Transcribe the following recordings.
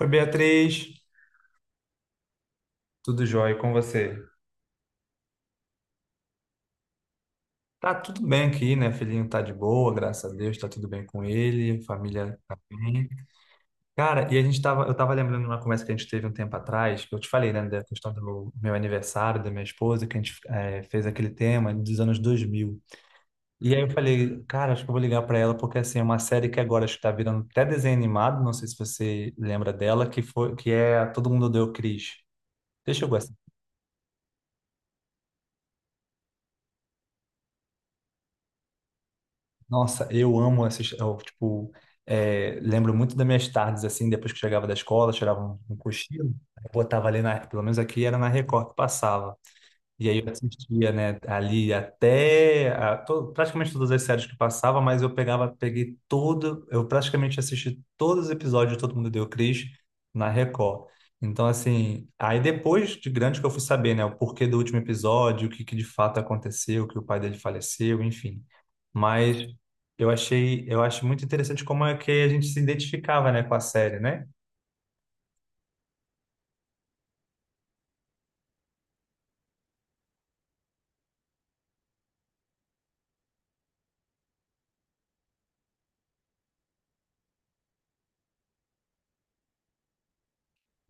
Oi, Beatriz. Tudo jóia e com você? Tá tudo bem aqui, né? Filhinho tá de boa, graças a Deus, tá tudo bem com ele, família tá bem. Cara, e eu tava lembrando de uma conversa que a gente teve um tempo atrás, que eu te falei, né, da questão do meu aniversário, da minha esposa, que a gente fez aquele tema dos anos 2000. E aí eu falei, cara, acho que eu vou ligar pra ela, porque assim, é uma série que agora acho que tá virando até desenho animado, não sei se você lembra dela, que foi, que é Todo Mundo Odeia o Chris. Você chegou a Nossa, eu amo essas, eu, tipo, lembro muito das minhas tardes, assim, depois que chegava da escola, tirava um cochilo, eu botava ali, pelo menos aqui era na Record que passava. E aí eu assistia, né, ali praticamente todas as séries que passava, mas eu praticamente assisti todos os episódios de Todo Mundo Deu Cris na Record. Então, assim, aí depois de grande que eu fui saber, né, o porquê do último episódio, o que que de fato aconteceu, que o pai dele faleceu, enfim. Mas eu achei, eu acho muito interessante como é que a gente se identificava, né, com a série, né?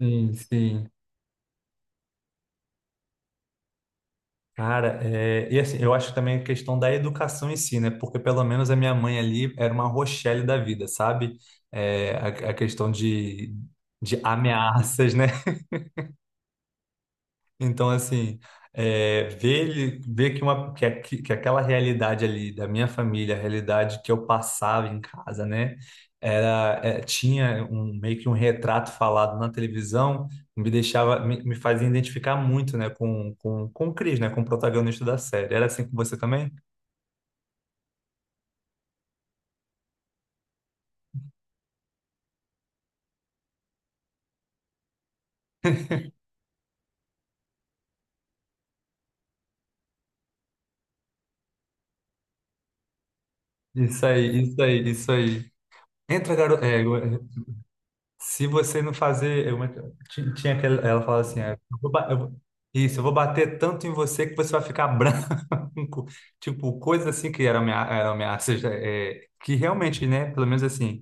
Sim, sim. Cara, é, e assim, eu acho também a questão da educação em si, né? Porque pelo menos a minha mãe ali era uma Rochelle da vida, sabe? É, a questão de ameaças, né? Então, assim, ver que, que aquela realidade ali da minha família, a realidade que eu passava em casa, né? Era, é, tinha um, meio que um retrato falado na televisão, me deixava, me fazia identificar muito, né? Com o Chris, né? Com o protagonista da série. Era assim com você também? Isso aí, isso aí, isso aí. Entra, garoto. Se você não fazer. Tinha aquela, ela fala assim: eu vou ba- eu vou- Isso, eu vou bater tanto em você que você vai ficar branco. Tipo, coisas assim que eram ameaças. Que realmente, né? Pelo menos assim,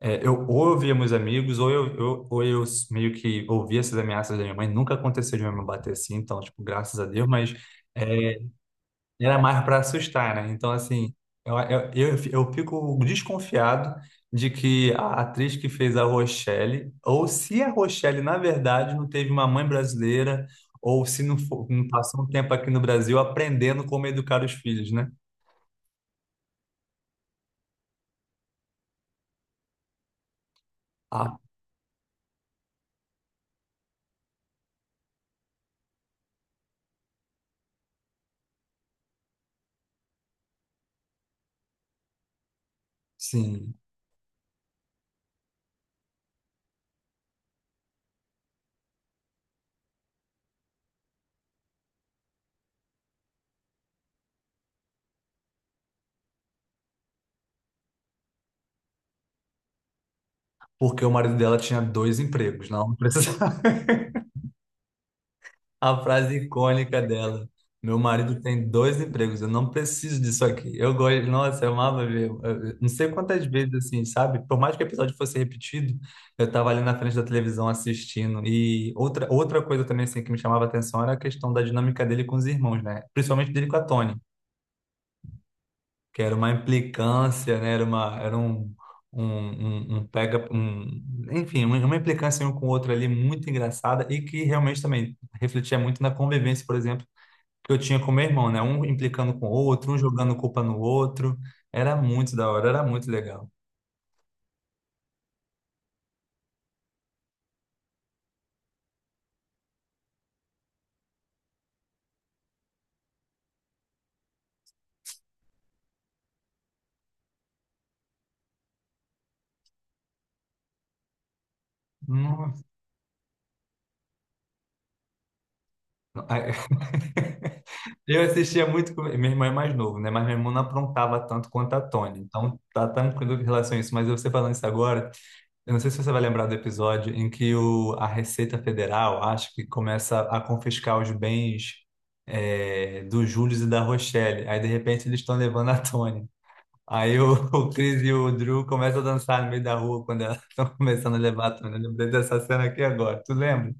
ou eu via meus amigos, ou eu meio que ouvia essas ameaças da minha mãe. Nunca aconteceu de minha mãe bater assim, então, tipo, graças a Deus, mas. é, Era mais para assustar, né? Então, assim, eu fico desconfiado de que a atriz que fez a Rochelle, ou se a Rochelle, na verdade, não teve uma mãe brasileira, ou se não, não passou um tempo aqui no Brasil aprendendo como educar os filhos, né? Ah, sim. Porque o marido dela tinha dois empregos, não precisa. A frase icônica dela. Meu marido tem dois empregos, eu não preciso disso aqui. Eu gosto, nossa, eu amava ver. Eu Não sei quantas vezes, assim, sabe? Por mais que o episódio fosse repetido, eu tava ali na frente da televisão assistindo. E outra, outra coisa também, assim, que me chamava a atenção era a questão da dinâmica dele com os irmãos, né? Principalmente dele com a Tony, que era uma implicância, né? Era uma, era um, um, um, um pega, um, enfim, uma implicância um com o outro ali muito engraçada e que realmente também refletia muito na convivência, por exemplo que eu tinha com meu irmão, né? Um implicando com o outro, um jogando culpa no outro. Era muito da hora, era muito legal. Nossa. Ai, eu assistia muito com... Meu irmão é mais novo, né? Mas meu irmão não aprontava tanto quanto a Tony. Então, tá tranquilo em relação a isso. Mas você falando isso agora, eu não sei se você vai lembrar do episódio em que o... a Receita Federal, acho que começa a confiscar os bens... do Júlio e da Rochelle. Aí, de repente, eles estão levando a Tony. Aí o, o Chris e o Drew começam a dançar no meio da rua quando elas estão começando a levar a Tony. Eu lembrei dessa cena aqui agora. Tu lembra?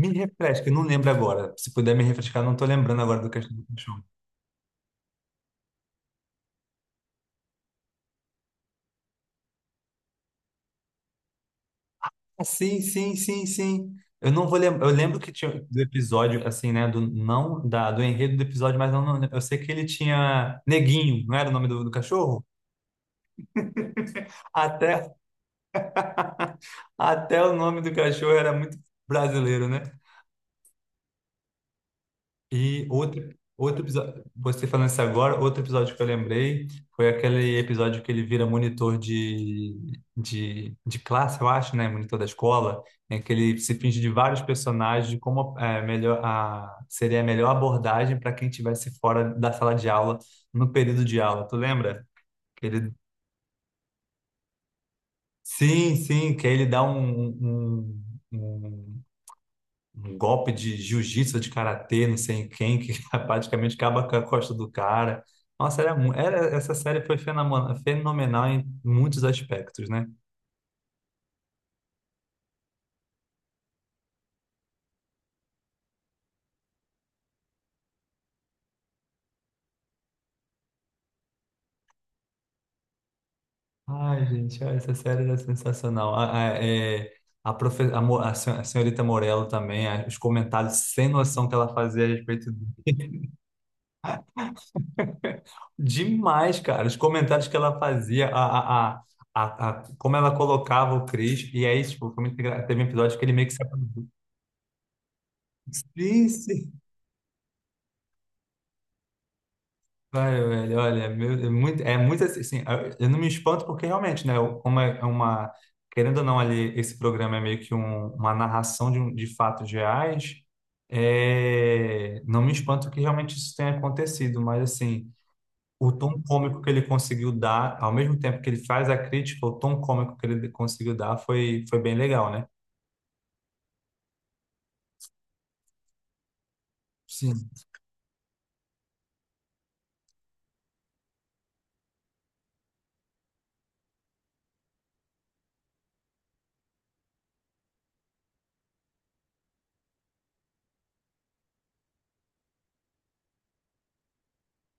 Me refresca, eu não lembro agora. Se puder me refrescar, eu não tô lembrando agora do Castelo do Chão. Ah, sim, sim, sim, sim. Eu não vou lembrar. Eu lembro que tinha do episódio, assim, né? Do, não da, do enredo do episódio, mas eu, não, eu sei que ele tinha Neguinho, não era o nome do cachorro? Até, até o nome do cachorro era muito brasileiro, né? E outro, outro episódio, você falando isso agora, outro episódio que eu lembrei foi aquele episódio que ele vira monitor de classe, eu acho, né? Monitor da escola, em que ele se finge de vários personagens, de como é, melhor, a, seria a melhor abordagem para quem estivesse fora da sala de aula, no período de aula. Tu lembra? Que ele, sim, sim, que aí ele dá um, um um um golpe de jiu-jitsu, de karatê, não sei em quem, que praticamente acaba com a costa do cara. Nossa, essa série foi fenomenal em muitos aspectos, né? Ai, gente, olha, essa série era sensacional. A, é, a, profe, a, mo- a sen- a senhorita Morello também, a- os comentários sem noção que ela fazia a respeito. Demais, cara, os comentários que ela fazia, como ela colocava o Chris, e aí, tipo, foi teve um episódio que ele meio que se aproximou. Sim, sim. Vai, velho, olha, é muito assim, assim, eu não me espanto porque realmente, né, como é uma, querendo ou não ali, esse programa é meio que uma narração de fatos reais, não me espanto que realmente isso tenha acontecido, mas assim, o tom cômico que ele conseguiu dar, ao mesmo tempo que ele faz a crítica, o tom cômico que ele conseguiu dar foi, foi bem legal, né? Sim.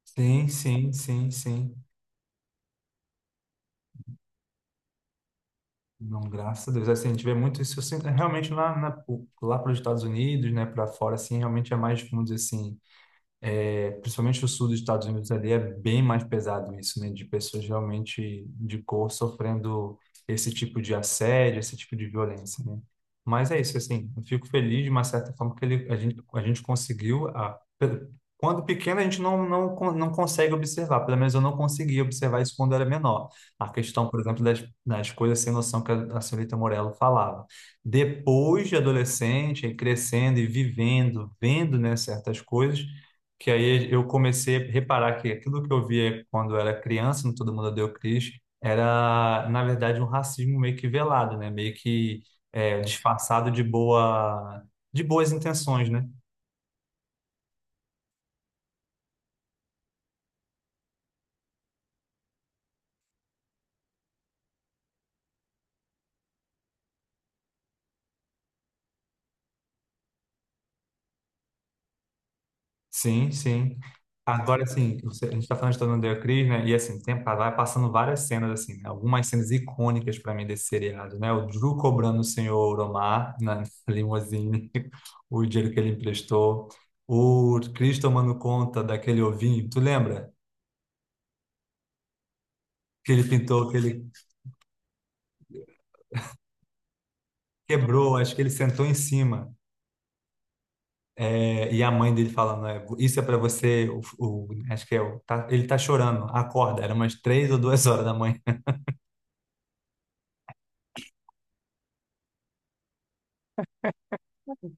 Sim, sim, sim, sim. Não, graças a Deus. Assim, a gente vê muito isso assim, realmente lá, na, lá para os Estados Unidos, né, para fora, assim, realmente é mais, vamos dizer assim. É, principalmente o sul dos Estados Unidos ali é bem mais pesado isso, né? De pessoas realmente de cor sofrendo esse tipo de assédio, esse tipo de violência, né? Mas é isso, assim, eu fico feliz de uma certa forma que ele, a gente conseguiu, quando pequeno a gente não consegue observar, pelo menos eu não conseguia observar isso quando era menor. A questão, por exemplo, das coisas sem noção que a senhorita Morello falava. Depois de adolescente, aí crescendo e vivendo, vendo, né, certas coisas, que aí eu comecei a reparar que aquilo que eu via quando eu era criança, no Todo Mundo Odeia o Chris, era, na verdade, um racismo meio que velado, né? Meio que disfarçado de boa, de boas intenções, né? Sim, sim. Agora, assim, a gente está falando de Todo Mundo Odeia o né? E, assim, tem, tá, vai passando várias cenas, assim, né? Algumas cenas icônicas para mim desse seriado, né? O Drew cobrando o senhor Omar na limousine, o dinheiro que ele emprestou. O Chris tomando conta daquele ovinho, tu lembra? Que ele pintou, que ele quebrou, acho que ele sentou em cima. E a mãe dele falando, isso é para você, acho que ele tá chorando, acorda, era umas 3 ou 2 horas da manhã.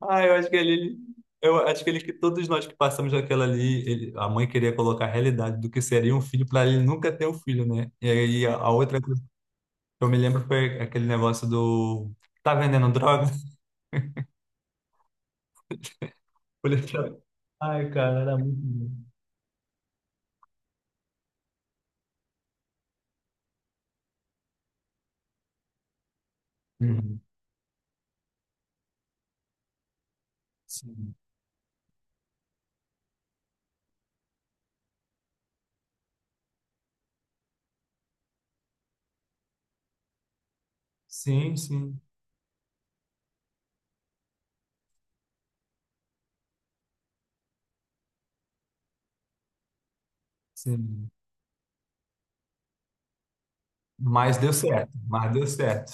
Ah, eu acho que ele que todos nós que passamos daquela ali, a mãe queria colocar a realidade do que seria um filho para ele nunca ter um filho, né? E aí a outra coisa que eu me lembro foi aquele negócio do tá vendendo droga? Policial. Ai, cara, era muito bom. Uhum. Sim, sim, sim. Sim. Mas deu certo, mas deu certo.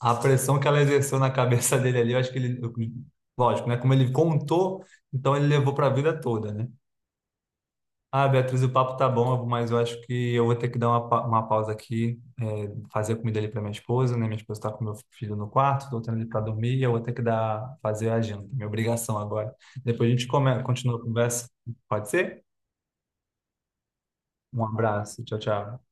A pressão que ela exerceu na cabeça dele ali, eu acho que ele, eu- lógico, né? Como ele contou, então ele levou para a vida toda, né? Ah, Beatriz, o papo tá bom, mas eu acho que eu vou ter que dar uma pausa aqui, fazer a comida ali para minha esposa, né? Minha esposa tá com meu filho no quarto, tô tendo ele para dormir e eu vou ter que fazer a janta, minha obrigação agora. Depois a gente come, continua a conversa, pode ser? Um abraço, tchau, tchau.